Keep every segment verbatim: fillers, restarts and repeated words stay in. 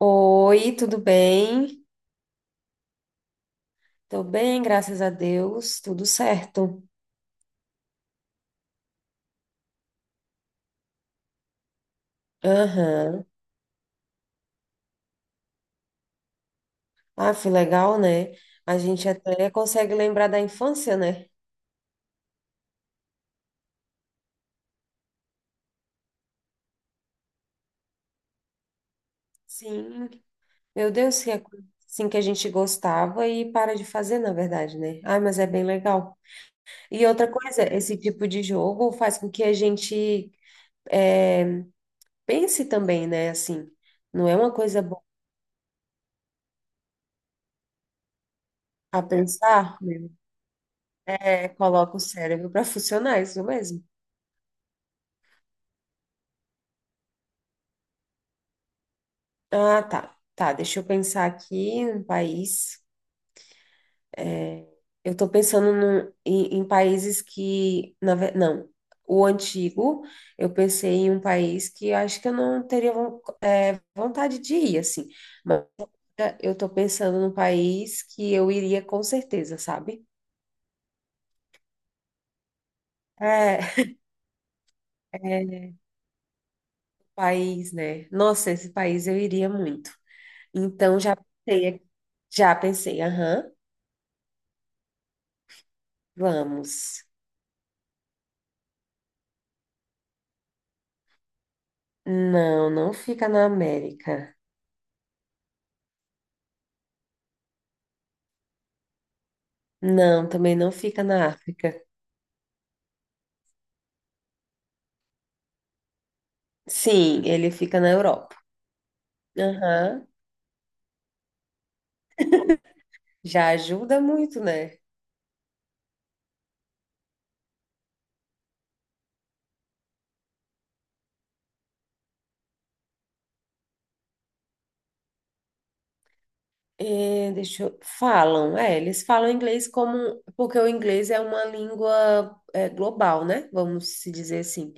Oi, tudo bem? Tô bem, graças a Deus, tudo certo. Aham. Ah, foi legal, né? A gente até consegue lembrar da infância, né? Sim. Meu Deus, que é coisa assim que a gente gostava e para de fazer, na verdade, né? Ah, mas é bem legal. E outra coisa, esse tipo de jogo faz com que a gente eh, pense também, né? Assim, não é uma coisa boa a pensar, né? É, coloca o cérebro para funcionar, isso mesmo. Ah, tá. Tá, deixa eu pensar aqui um país. Eu tô pensando no- em, em países que, na, ve- não, o antigo, eu pensei em um país que eu acho que eu não teria von- é, vontade de ir, assim. Mas eu tô pensando num país que eu iria com certeza, sabe? É, é País, né? Nossa, esse país eu iria muito. Então já pensei, aqui- Já pensei, aham, vamos. Não, não fica na América. Não, também não fica na África. Sim, ele fica na Europa. Aham. Já ajuda muito, né? É, deixa eu... Falam, é, eles falam inglês como... Porque o inglês é uma língua é, global, né? Vamos se dizer assim.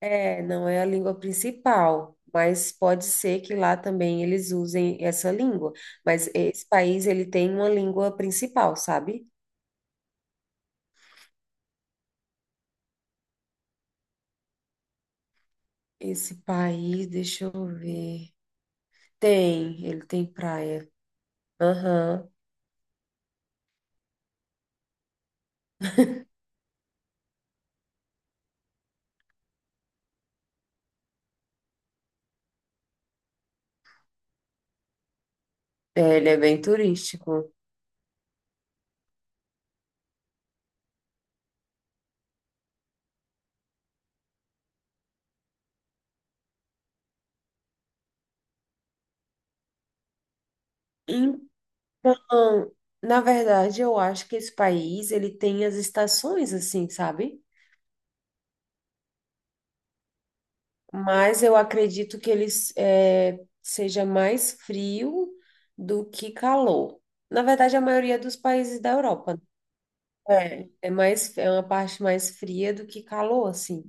É, não é a língua principal, mas pode ser que lá também eles usem essa língua. Mas esse país, ele tem uma língua principal, sabe? Esse país, deixa eu ver. Tem, ele tem praia. Aham. É, ele é bem turístico. Então, na verdade, eu acho que esse país, ele tem as estações, assim, sabe? Mas eu acredito que ele seja mais frio do que calor. Na verdade, a maioria dos países da Europa. Né? É, é mais, é uma parte mais fria do que calor, assim.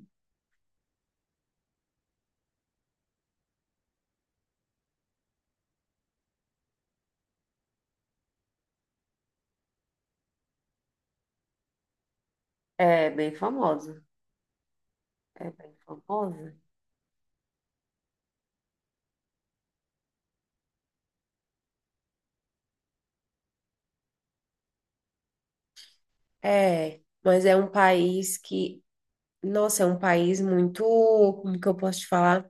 É bem famosa. É bem famosa. É, mas é um país que, nossa, é um país muito, como que eu posso te falar?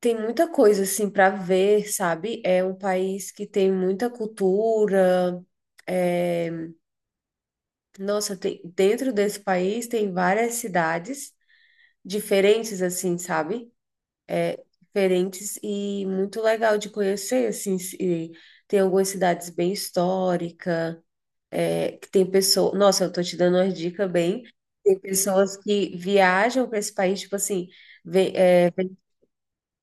Tem muita coisa assim para ver, sabe? É um país que tem muita cultura. é, Nossa, tem... dentro desse país tem várias cidades diferentes, assim, sabe? Diferentes e muito legal de conhecer, assim. E tem algumas cidades bem históricas, é, que tem pessoas. Nossa, eu tô te dando uma dica bem. Tem pessoas que viajam para esse país, tipo assim, vem,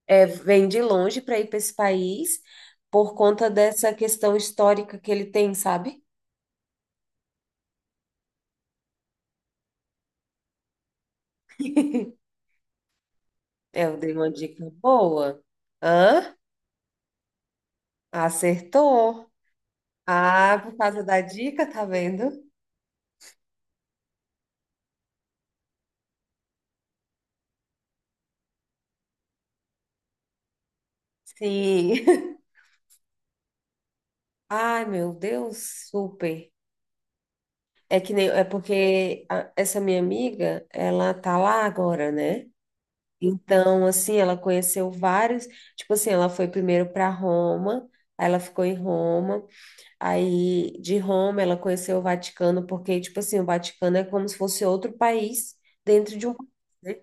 é, vem de longe para ir para esse país por conta dessa questão histórica que ele tem, sabe? Eu dei uma dica boa. Hã? Acertou. Ah, por causa da dica, tá vendo? Sim. Ai, meu Deus, super. É que nem, é porque a- essa minha amiga, ela tá lá agora, né? Então, assim, ela conheceu vários, tipo assim, ela foi primeiro para Roma, aí ela ficou em Roma, aí de Roma ela conheceu o Vaticano, porque, tipo assim, o Vaticano é como se fosse outro país dentro de um país, né?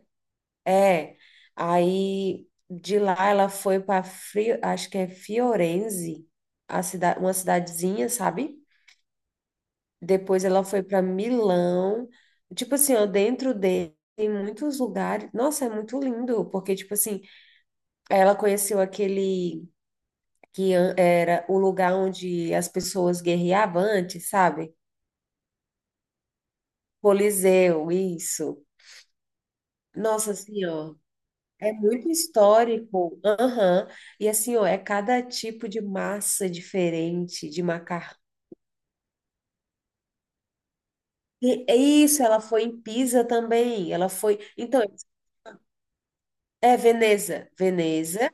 É. Aí de lá ela foi para acho que é Fiorenze, a cida- uma cidadezinha, sabe? Depois ela foi para Milão. Tipo assim, ó, dentro dele tem muitos lugares. Nossa, é muito lindo, porque, tipo assim, ela conheceu aquele que an- era o lugar onde as pessoas guerreavam antes, sabe? Coliseu, isso. Nossa Senhora, é muito histórico. Aham. E assim, ó, é cada tipo de massa diferente de macarrão. E é isso, ela foi em Pisa também. Ela foi. Então, é Veneza. Veneza,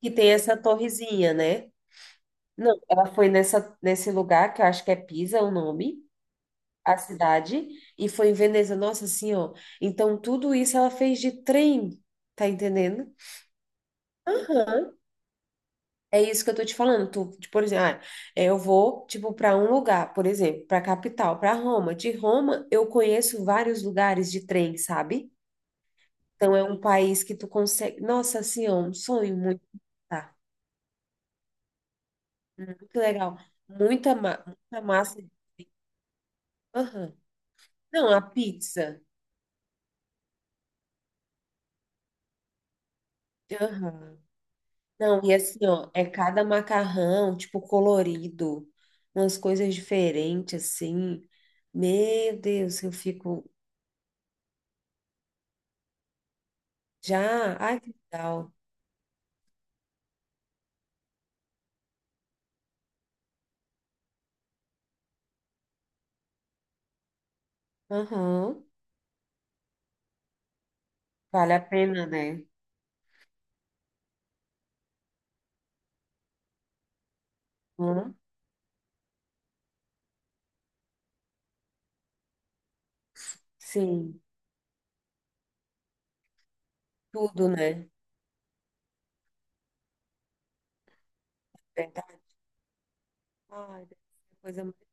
que tem essa torrezinha, né? Não, ela foi nessa, nesse lugar, que eu acho que é Pisa o nome, a cidade, e foi em Veneza. Nossa Senhora. Então, tudo isso ela fez de trem, tá entendendo? Aham. É isso que eu tô te falando. Tu, tipo, por exemplo, ah, é, eu vou, tipo, para um lugar, por exemplo, para capital, para Roma. De Roma, eu conheço vários lugares de trem, sabe? Então, é um país que tu consegue. Nossa, assim, é um sonho muito. Tá, muito legal. Muita, ma... muita massa. Aham. Não, a pizza. Aham. Não, e assim, ó, é cada macarrão, tipo, colorido, umas coisas diferentes, assim. Meu Deus, eu fico já. Ai, que legal. Aham. Vale a pena, né? Hum? Sim, tudo, né? Verdade. Ai, deve ser coisa mais.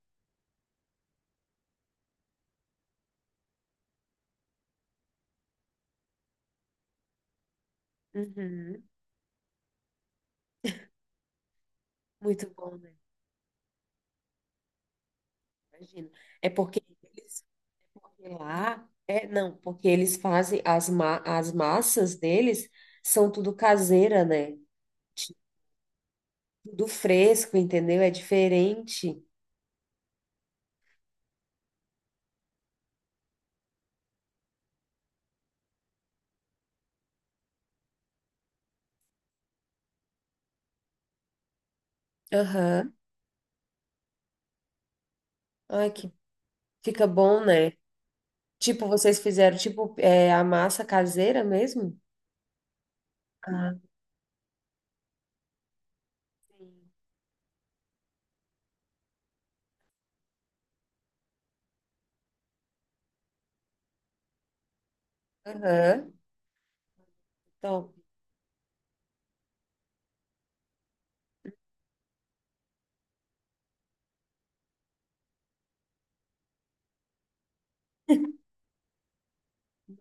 Uhum. Muito bom, né? Imagina. É porque eles, porque lá, é, não, porque eles fazem as, ma as massas deles são tudo caseira, né? Tipo, tudo fresco, entendeu? É diferente. Aham. Ai, que fica bom, né? Tipo, vocês fizeram tipo é, a massa caseira mesmo? Ah, sim. Aham. Top.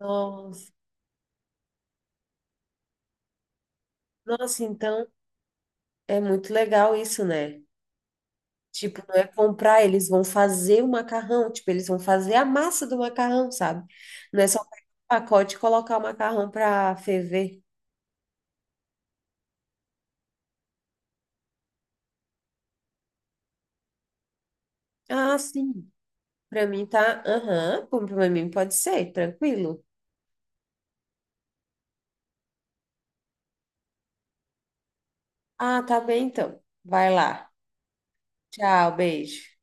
Nossa, nossa, então é muito legal isso, né? Tipo, não é comprar, eles vão fazer o macarrão, tipo, eles vão fazer a massa do macarrão, sabe? Não é só pegar o pacote e colocar o macarrão para ferver. Ah, sim. Para mim tá, aham, como para mim pode ser, tranquilo. Ah, tá bem então. Vai lá. Tchau, beijo.